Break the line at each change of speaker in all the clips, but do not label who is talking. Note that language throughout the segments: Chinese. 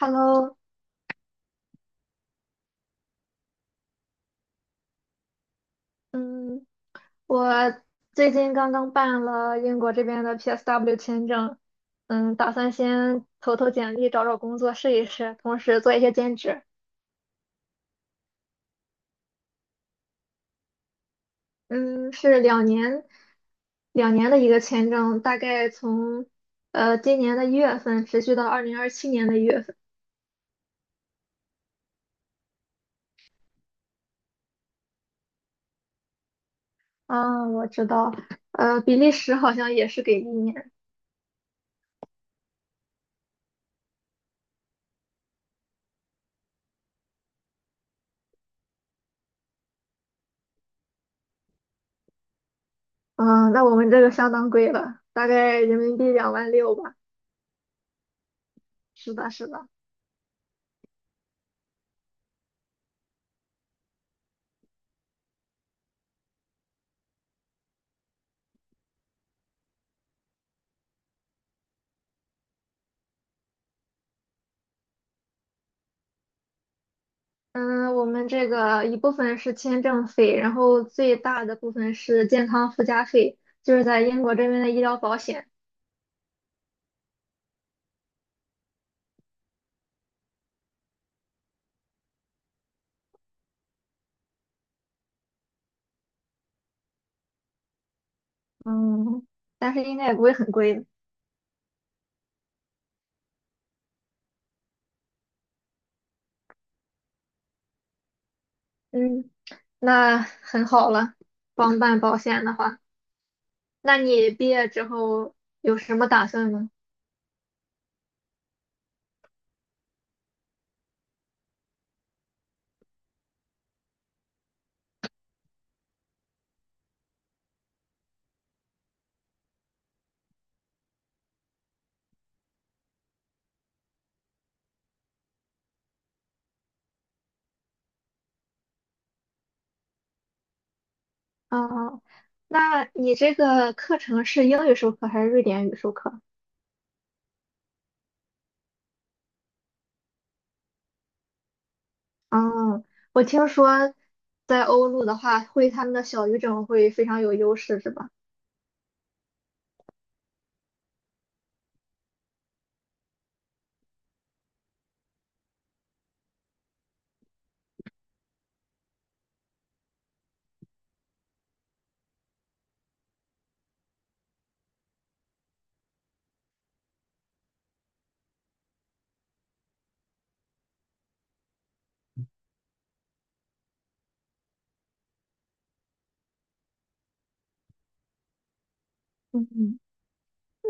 Hello，嗯，我最近刚刚办了英国这边的 PSW 签证，嗯，打算先投投简历，找找工作试一试，同时做一些兼职。嗯，是两年的一个签证，大概从今年的一月份持续到2027年的一月份。啊，我知道，比利时好像也是给1年，嗯，那我们这个相当贵了，大概人民币2.6万吧。是的，是的。嗯，我们这个一部分是签证费，然后最大的部分是健康附加费，就是在英国这边的医疗保险。嗯，但是应该也不会很贵的。嗯，那很好了，帮办保险的话，那你毕业之后有什么打算呢？哦，那你这个课程是英语授课还是瑞典语授课？哦，我听说在欧陆的话，会他们的小语种会非常有优势，是吧？嗯，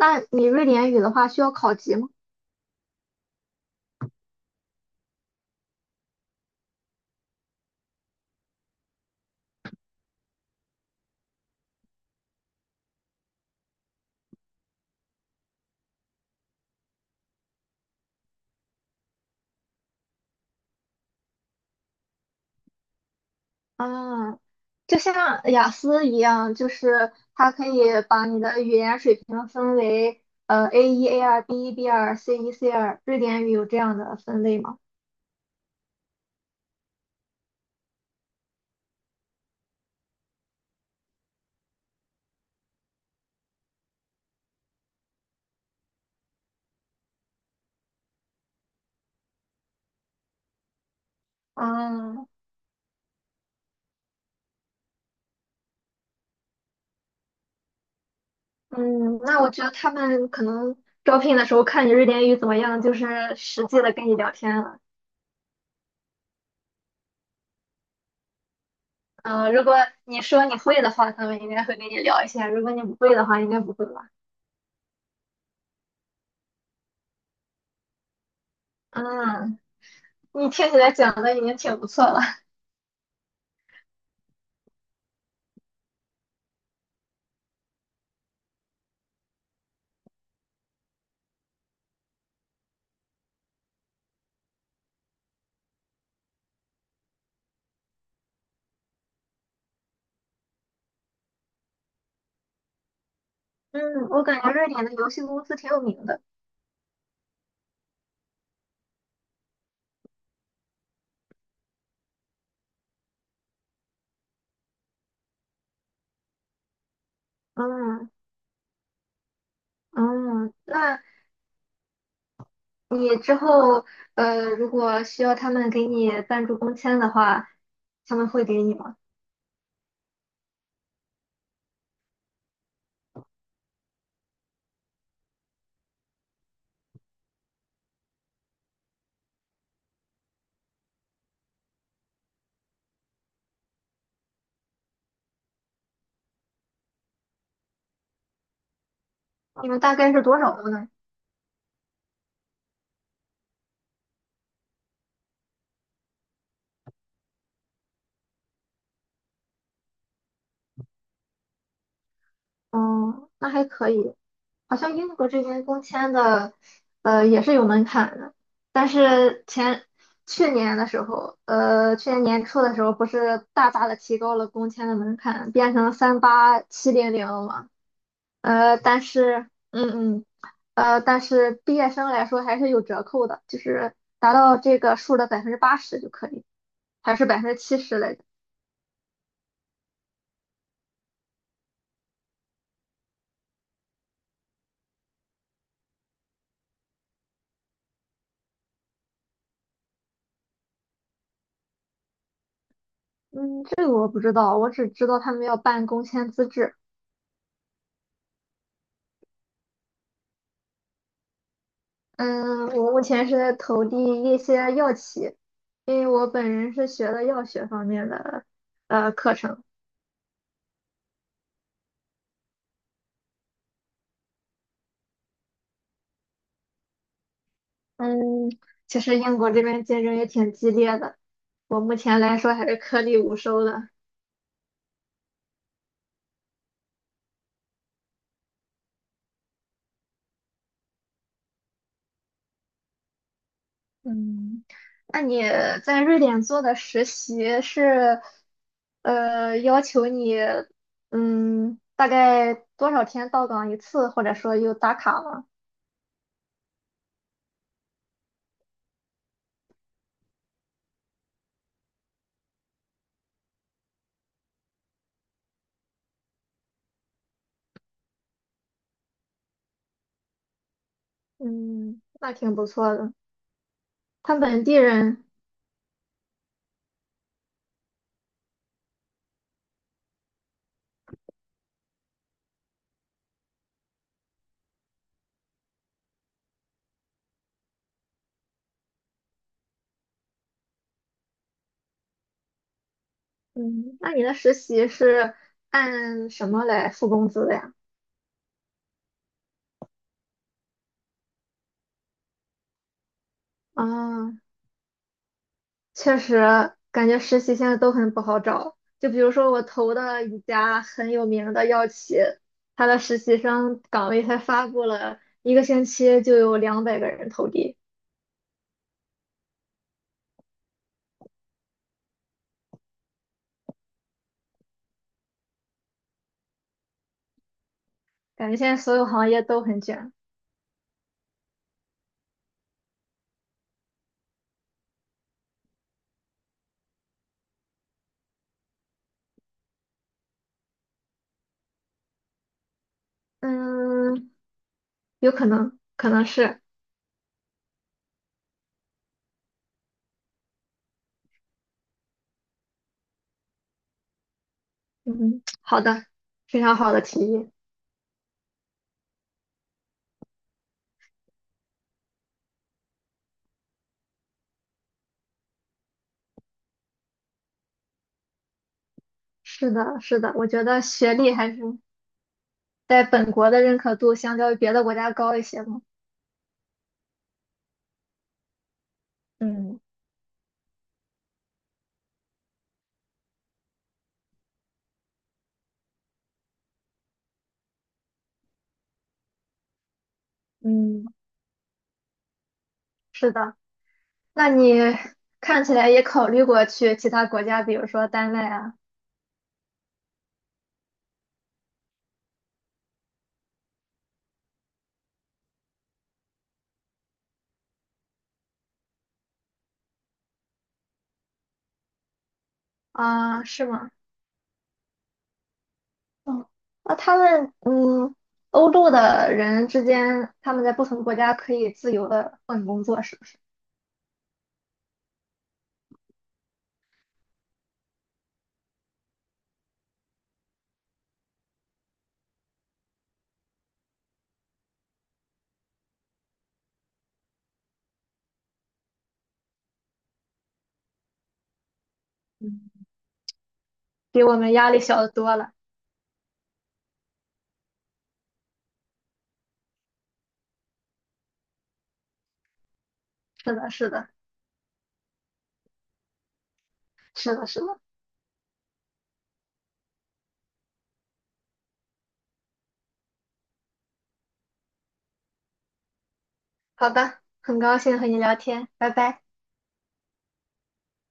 那你瑞典语的话需要考级吗？啊，就像雅思一样，就是它可以把你的语言水平分为A1、A2、B1、B2、C1、C2。瑞典语有这样的分类吗？啊，嗯，那我觉得他们可能招聘的时候看你瑞典语怎么样，就是实际的跟你聊天了。嗯，如果你说你会的话，他们应该会跟你聊一下；如果你不会的话，应该不会吧？嗯，你听起来讲的已经挺不错了。嗯，我感觉瑞典的游戏公司挺有名的。嗯嗯，那你之后如果需要他们给你赞助工签的话，他们会给你吗？你们大概是多少个呢？哦，那还可以。好像英国这边工签的也是有门槛的，但是去年的时候，去年年初的时候不是大大的提高了工签的门槛，变成38700了。嗯嗯。但是毕业生来说还是有折扣的，就是达到这个数的80%就可以，还是70%来着。嗯，这个我不知道，我只知道他们要办工签资质。嗯，我目前是在投递一些药企，因为我本人是学的药学方面的课程。嗯，其实英国这边竞争也挺激烈的，我目前来说还是颗粒无收的。嗯，那你在瑞典做的实习是，要求你，嗯，大概多少天到岗一次，或者说有打卡吗？嗯，那挺不错的。他本地人，嗯，那你的实习是按什么来付工资的呀？啊，确实，感觉实习现在都很不好找。就比如说我投的一家很有名的药企，它的实习生岗位才发布了一个星期就有200个人投递，感觉现在所有行业都很卷。嗯，有可能，可能是，嗯，好的，非常好的提议。是的，是的，我觉得学历还是在本国的认可度相较于别的国家高一些嘛。嗯嗯，是的。那你看起来也考虑过去其他国家，比如说丹麦啊？啊，是吗？嗯，那他们欧洲的人之间，他们在不同国家可以自由的换工作，是不是？嗯，比我们压力小的多了。是的，是的，是的，是的。好的，很高兴和你聊天，拜拜。